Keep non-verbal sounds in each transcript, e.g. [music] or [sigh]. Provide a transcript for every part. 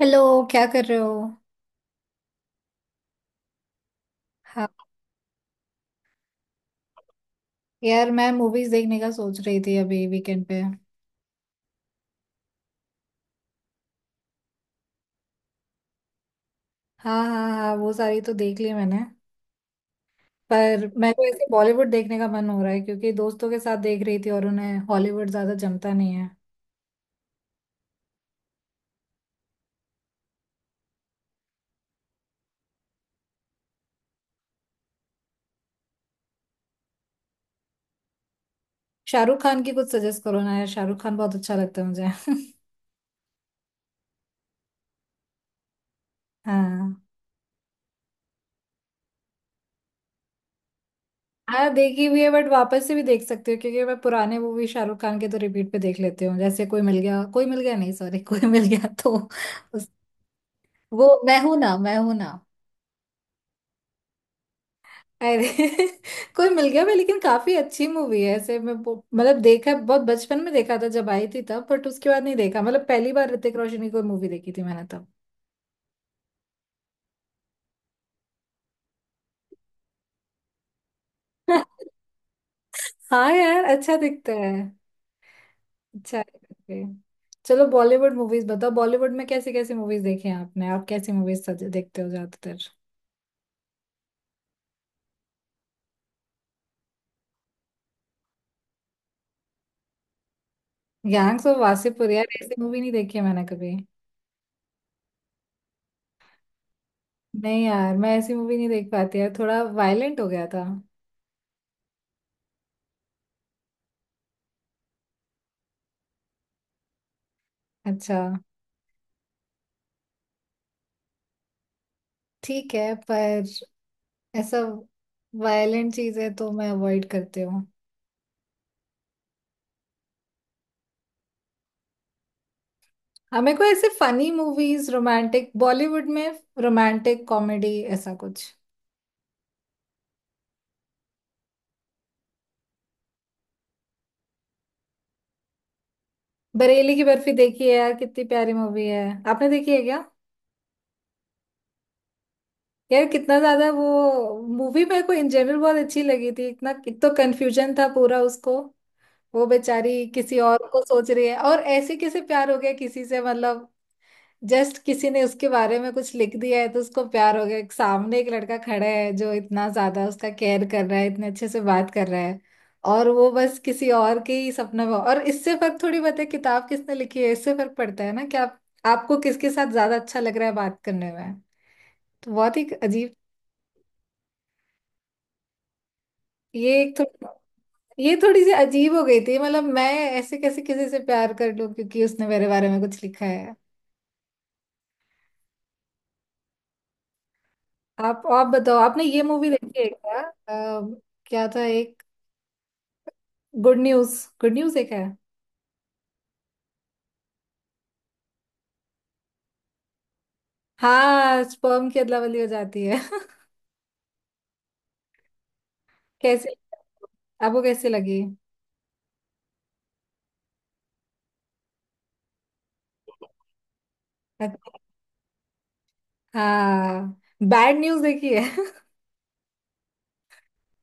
Hello. क्या कर रहे हो? हाँ, यार मैं मूवीज देखने का सोच रही थी अभी वीकेंड पे। हाँ हाँ हाँ, वो सारी तो देख ली मैंने। पर मैं तो ऐसे बॉलीवुड देखने का मन हो रहा है क्योंकि दोस्तों के साथ देख रही थी और उन्हें हॉलीवुड ज्यादा जमता नहीं है। शाहरुख खान की कुछ सजेस्ट करो ना यार, शाहरुख खान बहुत अच्छा लगता है मुझे। हाँ। हाँ देखी हुई है बट वापस से भी देख सकती हूँ क्योंकि मैं पुराने मूवी शाहरुख खान के तो रिपीट पे देख लेती हूँ। जैसे कोई मिल गया, कोई मिल गया नहीं सॉरी [laughs] कोई मिल गया तो उस, वो मैं हूं ना, मैं हूं ना। अरे [laughs] कोई मिल गया मैं, लेकिन काफी अच्छी मूवी है ऐसे। मैं मतलब देखा, बहुत बचपन में देखा था जब आई थी तब, बट उसके बाद नहीं देखा। मतलब पहली बार ऋतिक रोशन की कोई मूवी देखी थी मैंने तब। [laughs] हाँ यार, अच्छा दिखता है। अच्छा है। Okay. चलो बॉलीवुड मूवीज बताओ, बॉलीवुड में कैसी कैसी मूवीज देखी हैं आपने? आप कैसी मूवीज देखते हो ज्यादातर? गैंग्स ऑफ वासेपुर यार, ऐसी मूवी नहीं देखी है मैंने कभी। नहीं यार, मैं ऐसी मूवी नहीं देख पाती यार, थोड़ा वायलेंट हो गया था। अच्छा। ठीक है, पर ऐसा वायलेंट चीजें तो मैं अवॉइड करती हूँ। हाँ, मेरे को ऐसे फनी मूवीज, रोमांटिक बॉलीवुड में, रोमांटिक कॉमेडी ऐसा कुछ। बरेली की बर्फी देखी है यार, कितनी प्यारी मूवी है। आपने देखी है क्या? यार कितना ज्यादा वो मूवी मेरे को इन जनरल बहुत अच्छी लगी थी। इतना एक तो कंफ्यूजन था पूरा उसको। वो बेचारी किसी और को सोच रही है, और ऐसे कैसे प्यार हो गया किसी से, मतलब जस्ट किसी ने उसके बारे में कुछ लिख दिया है तो उसको प्यार हो गया। एक सामने एक लड़का खड़ा है जो इतना ज्यादा उसका केयर कर रहा है, इतने अच्छे से बात कर रहा है, और वो बस किसी और के ही सपने में। और इससे फर्क थोड़ी पड़ता है किताब किसने लिखी है, इससे फर्क पड़ता है ना कि आप, आपको किसके साथ ज्यादा अच्छा लग रहा है बात करने में। तो बहुत ही अजीब। ये एक थो, ये थोड़ी सी अजीब हो गई थी। मतलब मैं ऐसे कैसे किसी से प्यार कर लूं क्योंकि उसने मेरे बारे में कुछ लिखा है। आप बताओ, आपने ये मूवी देखी है क्या? क्या था एक, गुड न्यूज। गुड न्यूज एक है। हाँ स्पर्म की अदला बदली हो जाती है। [laughs] कैसे? आपको कैसे लगी? अच्छा। हाँ बैड न्यूज देखी है?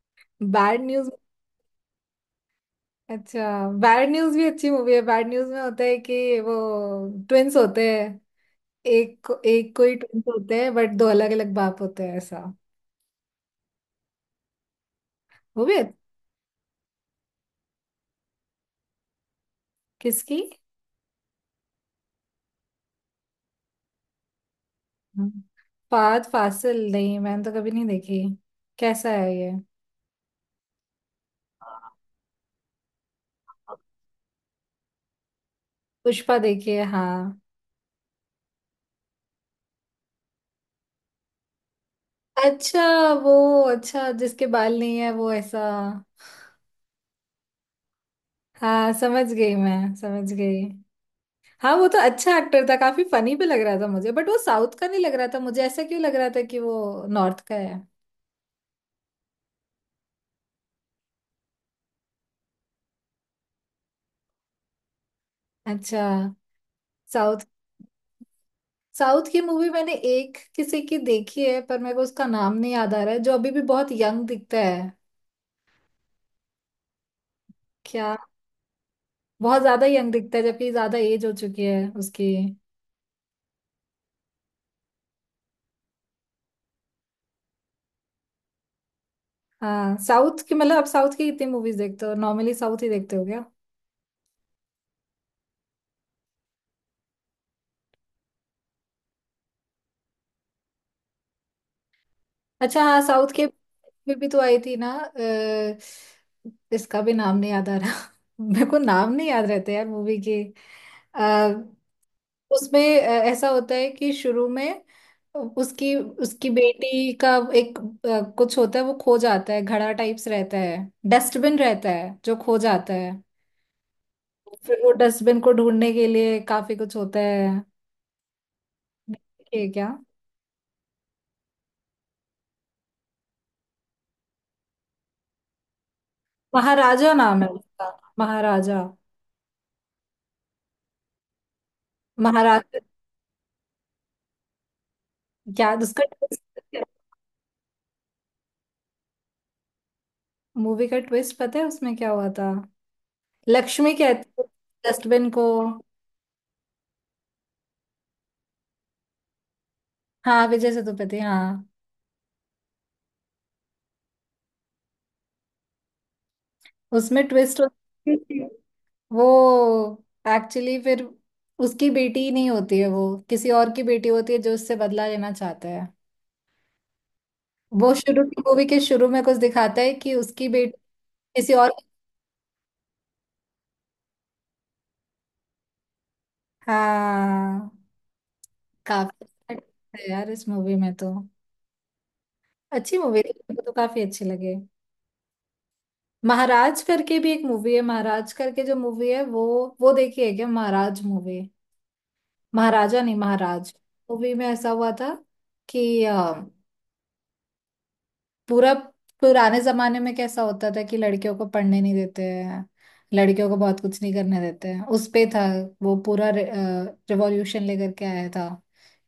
[laughs] Bad news. अच्छा बैड न्यूज भी अच्छी मूवी है। बैड न्यूज में होता है कि वो ट्विंस होते हैं, एक को ही ट्विंस होते हैं बट दो अलग अलग बाप होते हैं ऐसा। वो भी अच्छ- किसकी? फात फासिल, नहीं मैंने तो कभी नहीं देखी। कैसा है ये? पुष्पा देखी है हाँ। अच्छा वो, अच्छा जिसके बाल नहीं है वो, ऐसा? हाँ समझ गई मैं, समझ गई। हाँ, वो तो अच्छा एक्टर था, काफी फनी भी लग रहा था मुझे, बट वो साउथ का नहीं लग रहा था मुझे। ऐसा क्यों लग रहा था कि वो नॉर्थ का है? अच्छा। साउथ, साउथ की मूवी मैंने एक किसी की देखी है पर मेरे को उसका नाम नहीं याद आ रहा है, जो अभी भी बहुत यंग दिखता है। क्या? बहुत ज्यादा यंग दिखता है जबकि ज्यादा एज हो चुकी है उसकी। हाँ साउथ की। मतलब आप साउथ की कितनी मूवीज देखते हो, नॉर्मली साउथ ही देखते हो? अच्छा हाँ, साउथ के, में भी तो आई थी ना इसका भी नाम नहीं याद आ रहा। [laughs] मेरे को नाम नहीं याद रहते यार मूवी के। आ, उसमें ऐसा होता है कि शुरू में उसकी उसकी बेटी का एक, कुछ होता है वो खो जाता है, घड़ा टाइप्स रहता है, डस्टबिन रहता है जो खो जाता है। फिर वो डस्टबिन को ढूंढने के लिए काफी कुछ होता है। ये क्या? महाराजा नाम है उसका, महाराजा। महाराजा, क्या उसका? मूवी का ट्विस्ट पता है उसमें क्या हुआ था? लक्ष्मी कहती है डस्टबिन को। हाँ विजय सेतुपति हाँ। उसमें ट्विस्ट वो, एक्चुअली फिर उसकी बेटी ही नहीं होती है, वो किसी और की बेटी होती है जो उससे बदला लेना चाहता है। वो शुरू की, मूवी के शुरू में कुछ दिखाता है कि उसकी बेटी किसी और। हाँ काफी। अच्छा है यार इस मूवी में तो, अच्छी मूवी थी, मुझे तो काफी अच्छी लगे। महाराज करके भी एक मूवी है, महाराज करके जो मूवी है वो देखी है क्या, महाराज मूवी? महाराजा नहीं, महाराज। मूवी में ऐसा हुआ था कि पूरा पुराने जमाने में कैसा होता था कि लड़कियों को पढ़ने नहीं देते हैं, लड़कियों को बहुत कुछ नहीं करने देते हैं, उस पे था। वो पूरा रिवॉल्यूशन लेकर के आया था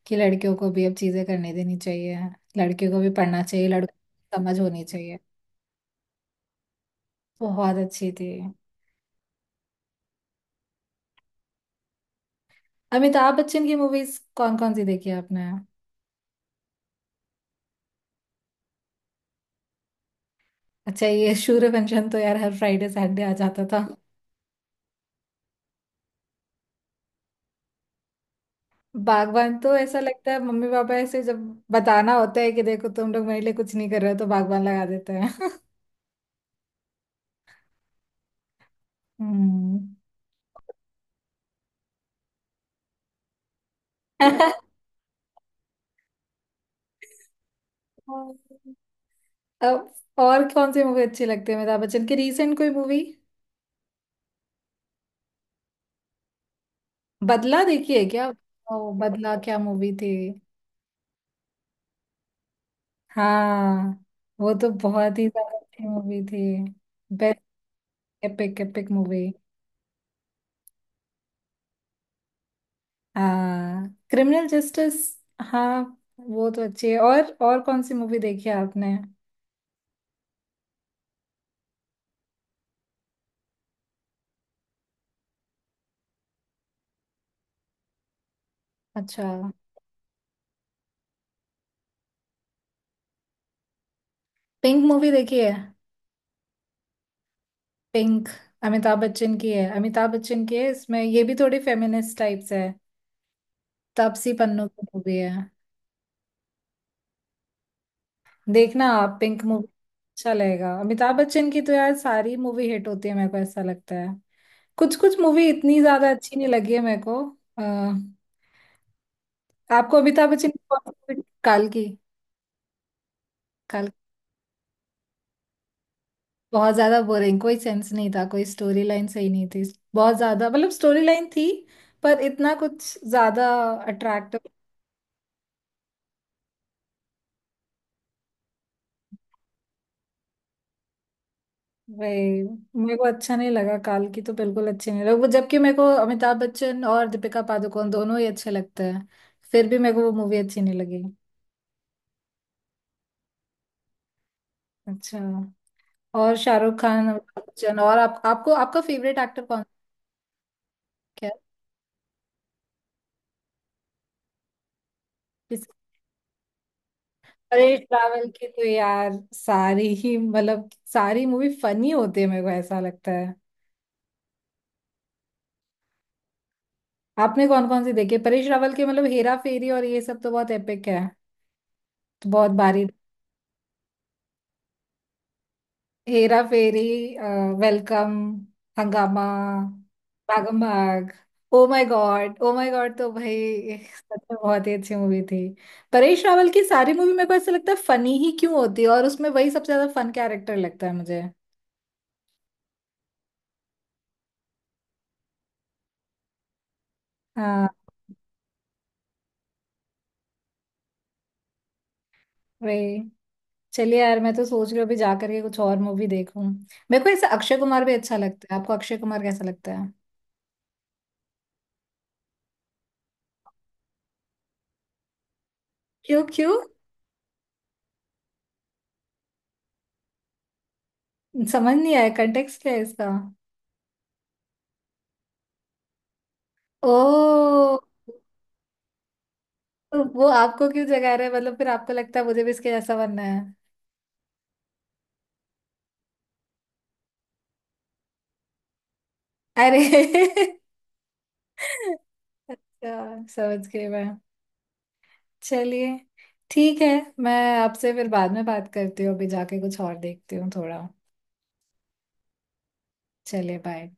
कि लड़कियों को भी अब चीजें करने देनी चाहिए, लड़कियों को भी पढ़ना चाहिए, लड़कों को समझ होनी चाहिए। बहुत अच्छी थी। अमिताभ बच्चन की मूवीज कौन कौन सी देखी है आपने? अच्छा ये सूर्यवंशम तो यार हर फ्राइडे सैटरडे आ जाता था। बागवान तो ऐसा लगता है मम्मी पापा ऐसे जब बताना होता है कि देखो तुम लोग मेरे लिए कुछ नहीं कर रहे हो, तो बागवान लगा देते हैं। [laughs] हम्म। [laughs] अब और कौन सी मूवी अच्छी लगती है अमिताभ बच्चन की, रीसेंट कोई मूवी? बदला देखी है क्या? ओ बदला, क्या मूवी थी। हाँ वो तो बहुत ही ज्यादा अच्छी मूवी थी। Best, epic epic movie. हाँ क्रिमिनल जस्टिस। हाँ वो तो अच्छी है। और कौन सी मूवी देखी है आपने? अच्छा। पिंक मूवी देखी है? पिंक, अमिताभ बच्चन की है, अमिताभ बच्चन की है। इसमें ये भी थोड़ी फेमिनिस्ट टाइप्स है, तापसी पन्नू की मूवी है। देखना आप पिंक मूवी, अच्छा लगेगा। अमिताभ बच्चन की तो यार सारी मूवी हिट होती है मेरे को ऐसा लगता है। कुछ कुछ मूवी इतनी ज्यादा अच्छी नहीं लगी है मेरे को। अ, आपको अमिताभ बच्चन की कौन सी मूवी? काल की? काल बहुत ज्यादा बोरिंग, कोई सेंस नहीं था, कोई स्टोरी लाइन सही नहीं थी। बहुत ज्यादा, मतलब स्टोरी लाइन थी पर इतना कुछ ज्यादा अट्रैक्टिव, वे, मेरे को अच्छा नहीं लगा। काल की तो बिल्कुल अच्छी नहीं लगा वो, जबकि मेरे को अमिताभ बच्चन और दीपिका पादुकोण दोनों ही अच्छे लगते हैं, फिर भी मेरे को वो मूवी अच्छी नहीं लगी। अच्छा। और शाहरुख खान, अमिताभ बच्चन, और आप, आपको आपका फेवरेट एक्टर कौन? क्या है? किस-? अरे ट्रैवल की तो यार सारी ही, मतलब सारी मूवी फनी होती है मेरे को ऐसा लगता। आपने कौन कौन सी देखी परेश रावल के? मतलब हेरा फेरी और ये सब तो बहुत एपिक है, तो बहुत भारी। हेरा फेरी, welcome, Hungama, Bhagam Bhag, oh my God, oh my God, तो भाई सच में बहुत ही अच्छी मूवी थी। परेश रावल की सारी मूवी मेरे को ऐसा लगता है फनी ही क्यों होती है, और उसमें वही सबसे ज्यादा फन कैरेक्टर लगता है मुझे। हाँ वही। चलिए यार मैं तो सोच रही हूँ अभी जा करके कुछ और मूवी देखूं। मेरे को ऐसा अक्षय कुमार भी अच्छा लगता है, आपको अक्षय कुमार कैसा लगता है? क्यों क्यों? समझ नहीं आया कंटेक्स्ट क्या है इसका। ओ। तो वो आपको क्यों जगा रहे हैं? मतलब फिर आपको लगता है मुझे भी इसके जैसा बनना है? अरे [laughs] अच्छा समझ गई मैं। चलिए, ठीक है। मैं आपसे फिर बाद में बात करती हूँ, अभी जाके कुछ और देखती हूँ थोड़ा। चलिए बाय।